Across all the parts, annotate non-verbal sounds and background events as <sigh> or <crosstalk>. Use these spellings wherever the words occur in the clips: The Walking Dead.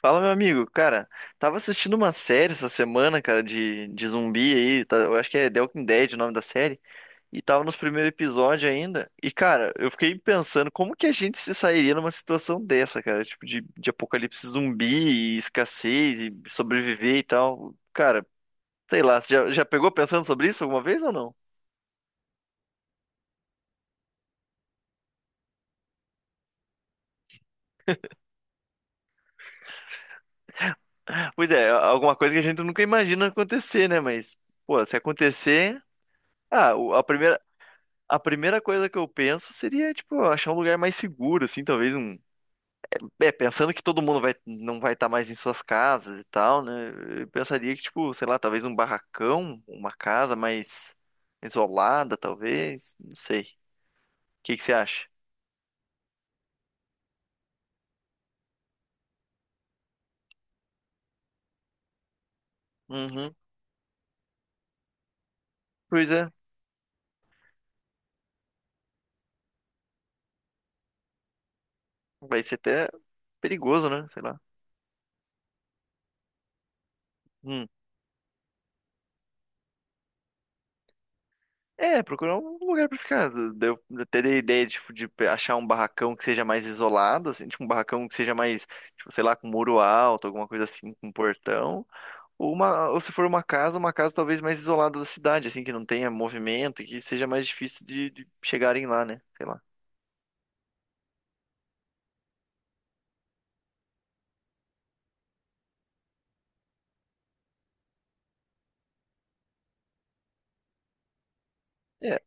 Fala, meu amigo. Cara, tava assistindo uma série essa semana, cara, de zumbi aí. Eu acho que é The Walking Dead o nome da série. E tava nos primeiros episódios ainda. E, cara, eu fiquei pensando como que a gente se sairia numa situação dessa, cara? Tipo, de apocalipse zumbi, e escassez e sobreviver e tal. Cara, sei lá, você já pegou pensando sobre isso alguma vez ou não? Pois é, alguma coisa que a gente nunca imagina acontecer, né? Mas, pô, se acontecer. Ah, o- a primeira, A primeira coisa que eu penso seria, tipo, achar um lugar mais seguro, assim, talvez um. É, pensando que todo mundo vai, não vai estar mais em suas casas e tal, né? Eu pensaria que, tipo, sei lá, talvez um barracão, uma casa mais isolada, talvez. Não sei. O que que você acha? Uhum. Pois é. Vai ser até perigoso, né? Sei lá. Hum. É, procurar um lugar pra ficar. Daí eu até dei a ideia, tipo, de achar um barracão que seja mais isolado, assim, tipo, um barracão que seja mais, tipo, sei lá, com muro alto, alguma coisa assim, com portão. Ou se for uma casa talvez mais isolada da cidade, assim, que não tenha movimento e que seja mais difícil de chegarem lá, né? Sei lá. É,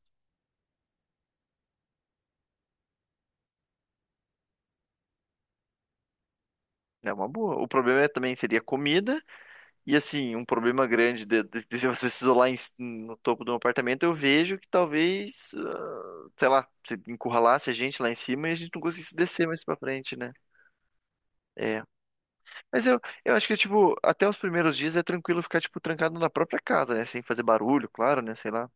é uma boa. O problema é, também seria comida e, assim, um problema grande de, de <laughs> você se isolar em no topo de um apartamento, eu vejo que talvez, ah, sei lá, se encurralasse a gente lá em cima e a gente não conseguisse descer mais pra frente, né? É. Mas eu, eu acho que, tipo, até os primeiros dias é tranquilo ficar, tipo, trancado na própria casa, né? Sem fazer barulho, claro, né? Sei lá.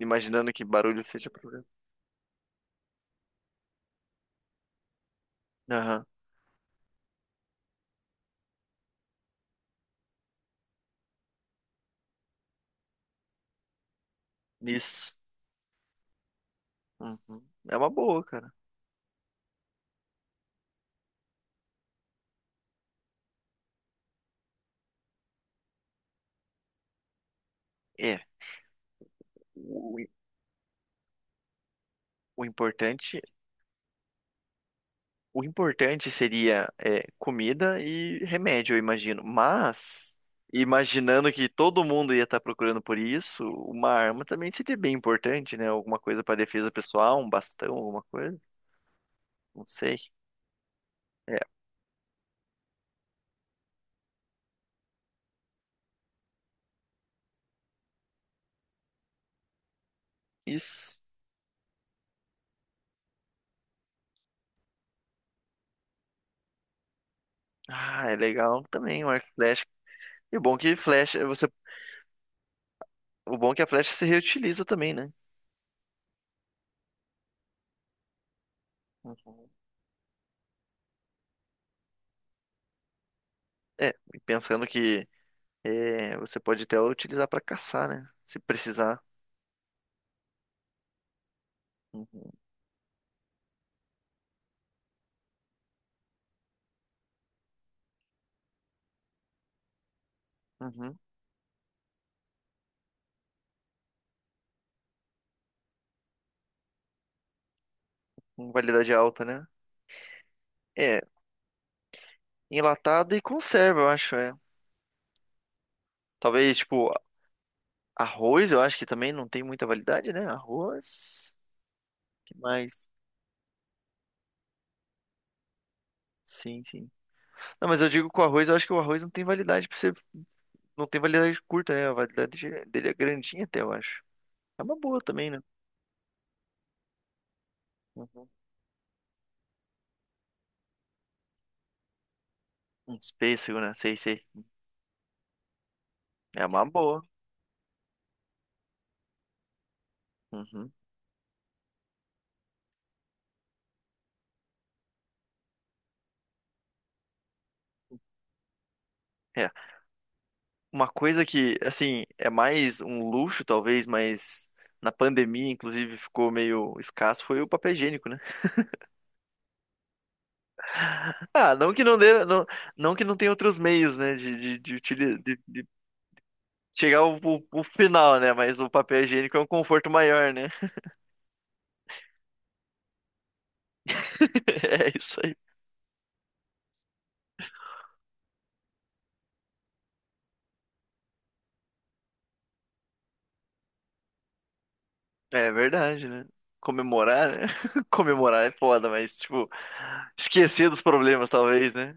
Imaginando que barulho seja. Aham. Isso. Uhum. É uma boa, cara. É. O, o importante, o importante seria é, comida e remédio, eu imagino. Mas, imaginando que todo mundo ia estar procurando por isso, uma arma também seria bem importante, né? Alguma coisa para defesa pessoal, um bastão, alguma coisa. Não sei. É, isso. Ah, é legal também, um arco e flecha. E o bom que flecha, você, o bom é que a flecha se reutiliza também, né? Uhum. É, e pensando que é, você pode até utilizar para caçar, né? Se precisar. Uhum, uhum. Com validade alta, né? É, enlatado e conserva, eu acho, é. Talvez, tipo, arroz, eu acho que também não tem muita validade, né? Arroz. Que mais? Sim, sim. Não, mas eu digo com arroz, eu acho que o arroz não tem validade pra você. Não tem validade curta, né? A validade dele é grandinha até, eu acho. É uma boa também, né? Uhum. Um pêssego, né? Sei, sei. É uma boa. Uhum. É, uma coisa que, assim, é mais um luxo, talvez, mas na pandemia, inclusive, ficou meio escasso, foi o papel higiênico, né? <laughs> Ah, não que não dê, não, não que não tenha outros meios, né, de, de chegar ao, ao final, né? Mas o papel higiênico é um conforto maior, né? <laughs> É isso aí. É verdade, né? Comemorar, né? <laughs> Comemorar é foda, mas, tipo, esquecer dos problemas, talvez, né?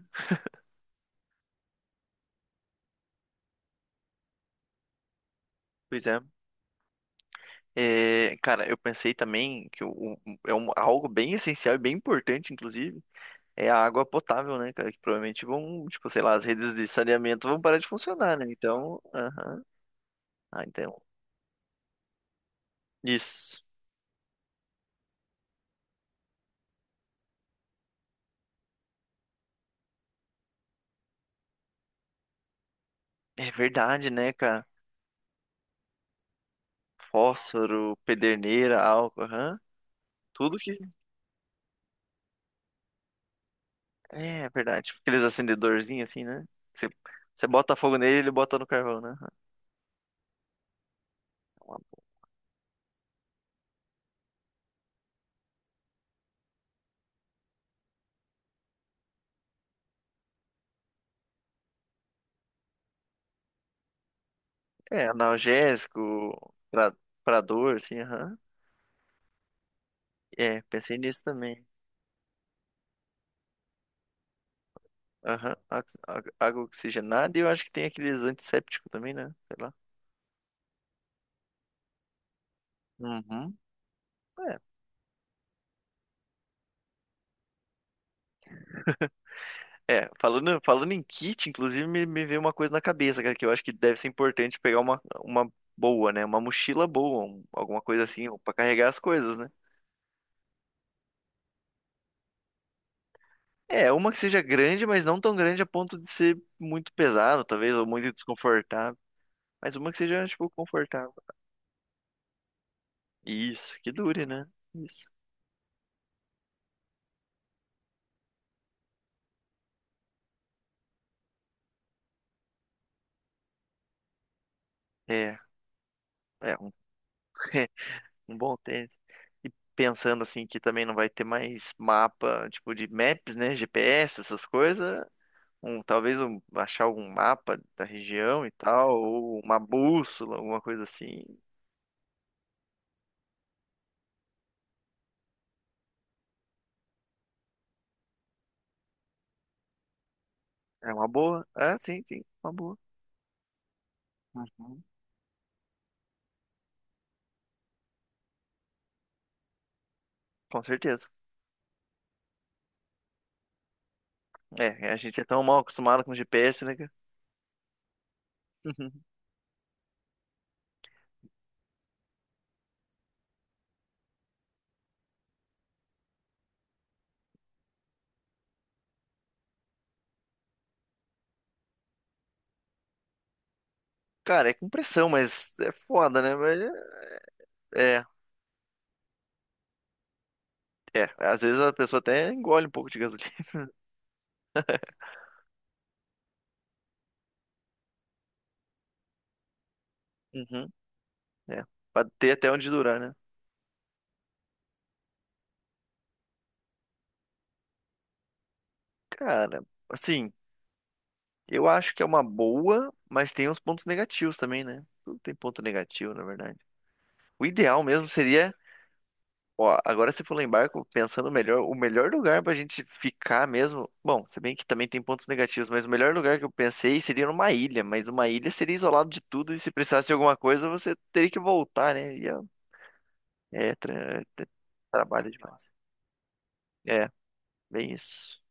Pois é. É, cara, eu pensei também que é um- algo bem essencial e bem importante, inclusive, é a água potável, né, cara? Que provavelmente vão, tipo, sei lá, as redes de saneamento vão parar de funcionar, né? Então, aham. Ah, então. Isso. É verdade, né, cara? Fósforo, pederneira, álcool, aham. Tudo que. É, é verdade. Tipo, aqueles acendedorzinhos assim, né? Você, Você bota fogo nele, ele bota no carvão, né? É, analgésico, pra, pra dor, assim, aham. É, pensei nisso também. Aham, Água oxigenada e eu acho que tem aqueles antissépticos também, né? Sei lá. Uhum. É, é, falando em kit, inclusive me veio uma coisa na cabeça, cara, que eu acho que deve ser importante pegar uma boa, né? Uma mochila boa, um- alguma coisa assim, pra carregar as coisas, né? É, uma que seja grande, mas não tão grande a ponto de ser muito pesado, talvez, ou muito desconfortável. Mas uma que seja, tipo, confortável. Isso, que dure, né? Isso. É, é um, <laughs> um bom tênis. E pensando assim que também não vai ter mais mapa, tipo de maps, né? GPS, essas coisas. Um, talvez um, achar algum mapa da região e tal, ou uma bússola, alguma coisa assim. É uma boa. Ah, sim, sim, uma boa. Uhum. Com certeza. É, a gente é tão mal acostumado com GPS, né, cara? <laughs> Cara, é com pressão, mas é foda, né? Mas é, é, é. Às vezes a pessoa até engole um pouco de gasolina. <laughs> Uhum, é. Pra ter até onde durar, né? Cara, assim, eu acho que é uma boa, mas tem uns pontos negativos também, né? Tudo tem ponto negativo, na verdade. O ideal mesmo seria, ó, agora se for lá em barco, pensando melhor, o melhor lugar pra gente ficar mesmo. Bom, se bem que também tem pontos negativos, mas o melhor lugar que eu pensei seria numa ilha, mas uma ilha seria isolado de tudo e se precisasse de alguma coisa, você teria que voltar, né? E é, é, é trabalho demais. É, bem isso.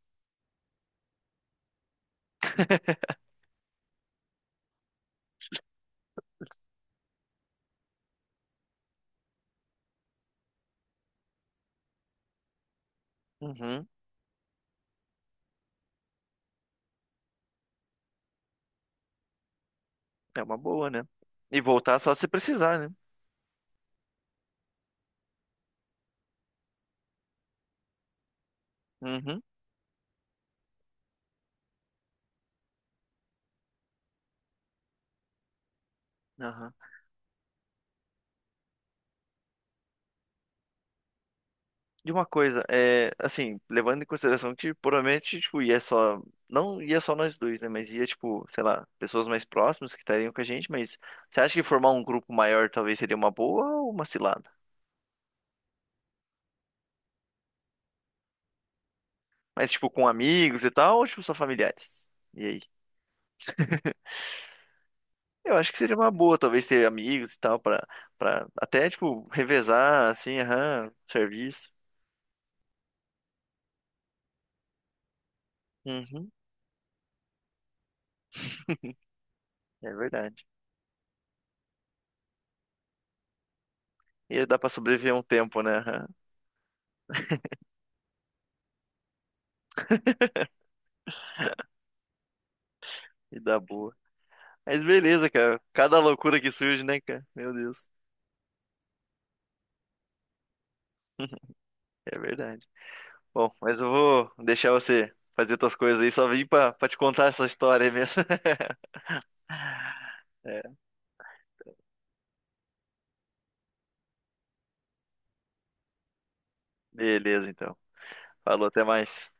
Uhum, é uma boa, né? E voltar só se precisar, né? Uhum. Aham. E uma coisa, é, assim, levando em consideração que provavelmente, tipo, ia só, não ia só nós dois, né, mas ia, tipo, sei lá, pessoas mais próximas que estariam com a gente, mas você acha que formar um grupo maior talvez seria uma boa ou uma cilada? Mas, tipo, com amigos e tal, ou, tipo, só familiares? E aí? Eu acho que seria uma boa, talvez, ter amigos e tal, pra, pra até, tipo, revezar, assim, aham, serviço. Uhum, é verdade. Ia dar pra sobreviver um tempo, né, aham, e dar boa. Mas beleza, cara. Cada loucura que surge, né, cara? Meu Deus. <laughs> É verdade. Bom, mas eu vou deixar você fazer suas coisas aí. Só vim pra te contar essa história aí mesmo. <laughs> É, beleza, então. Falou, até mais.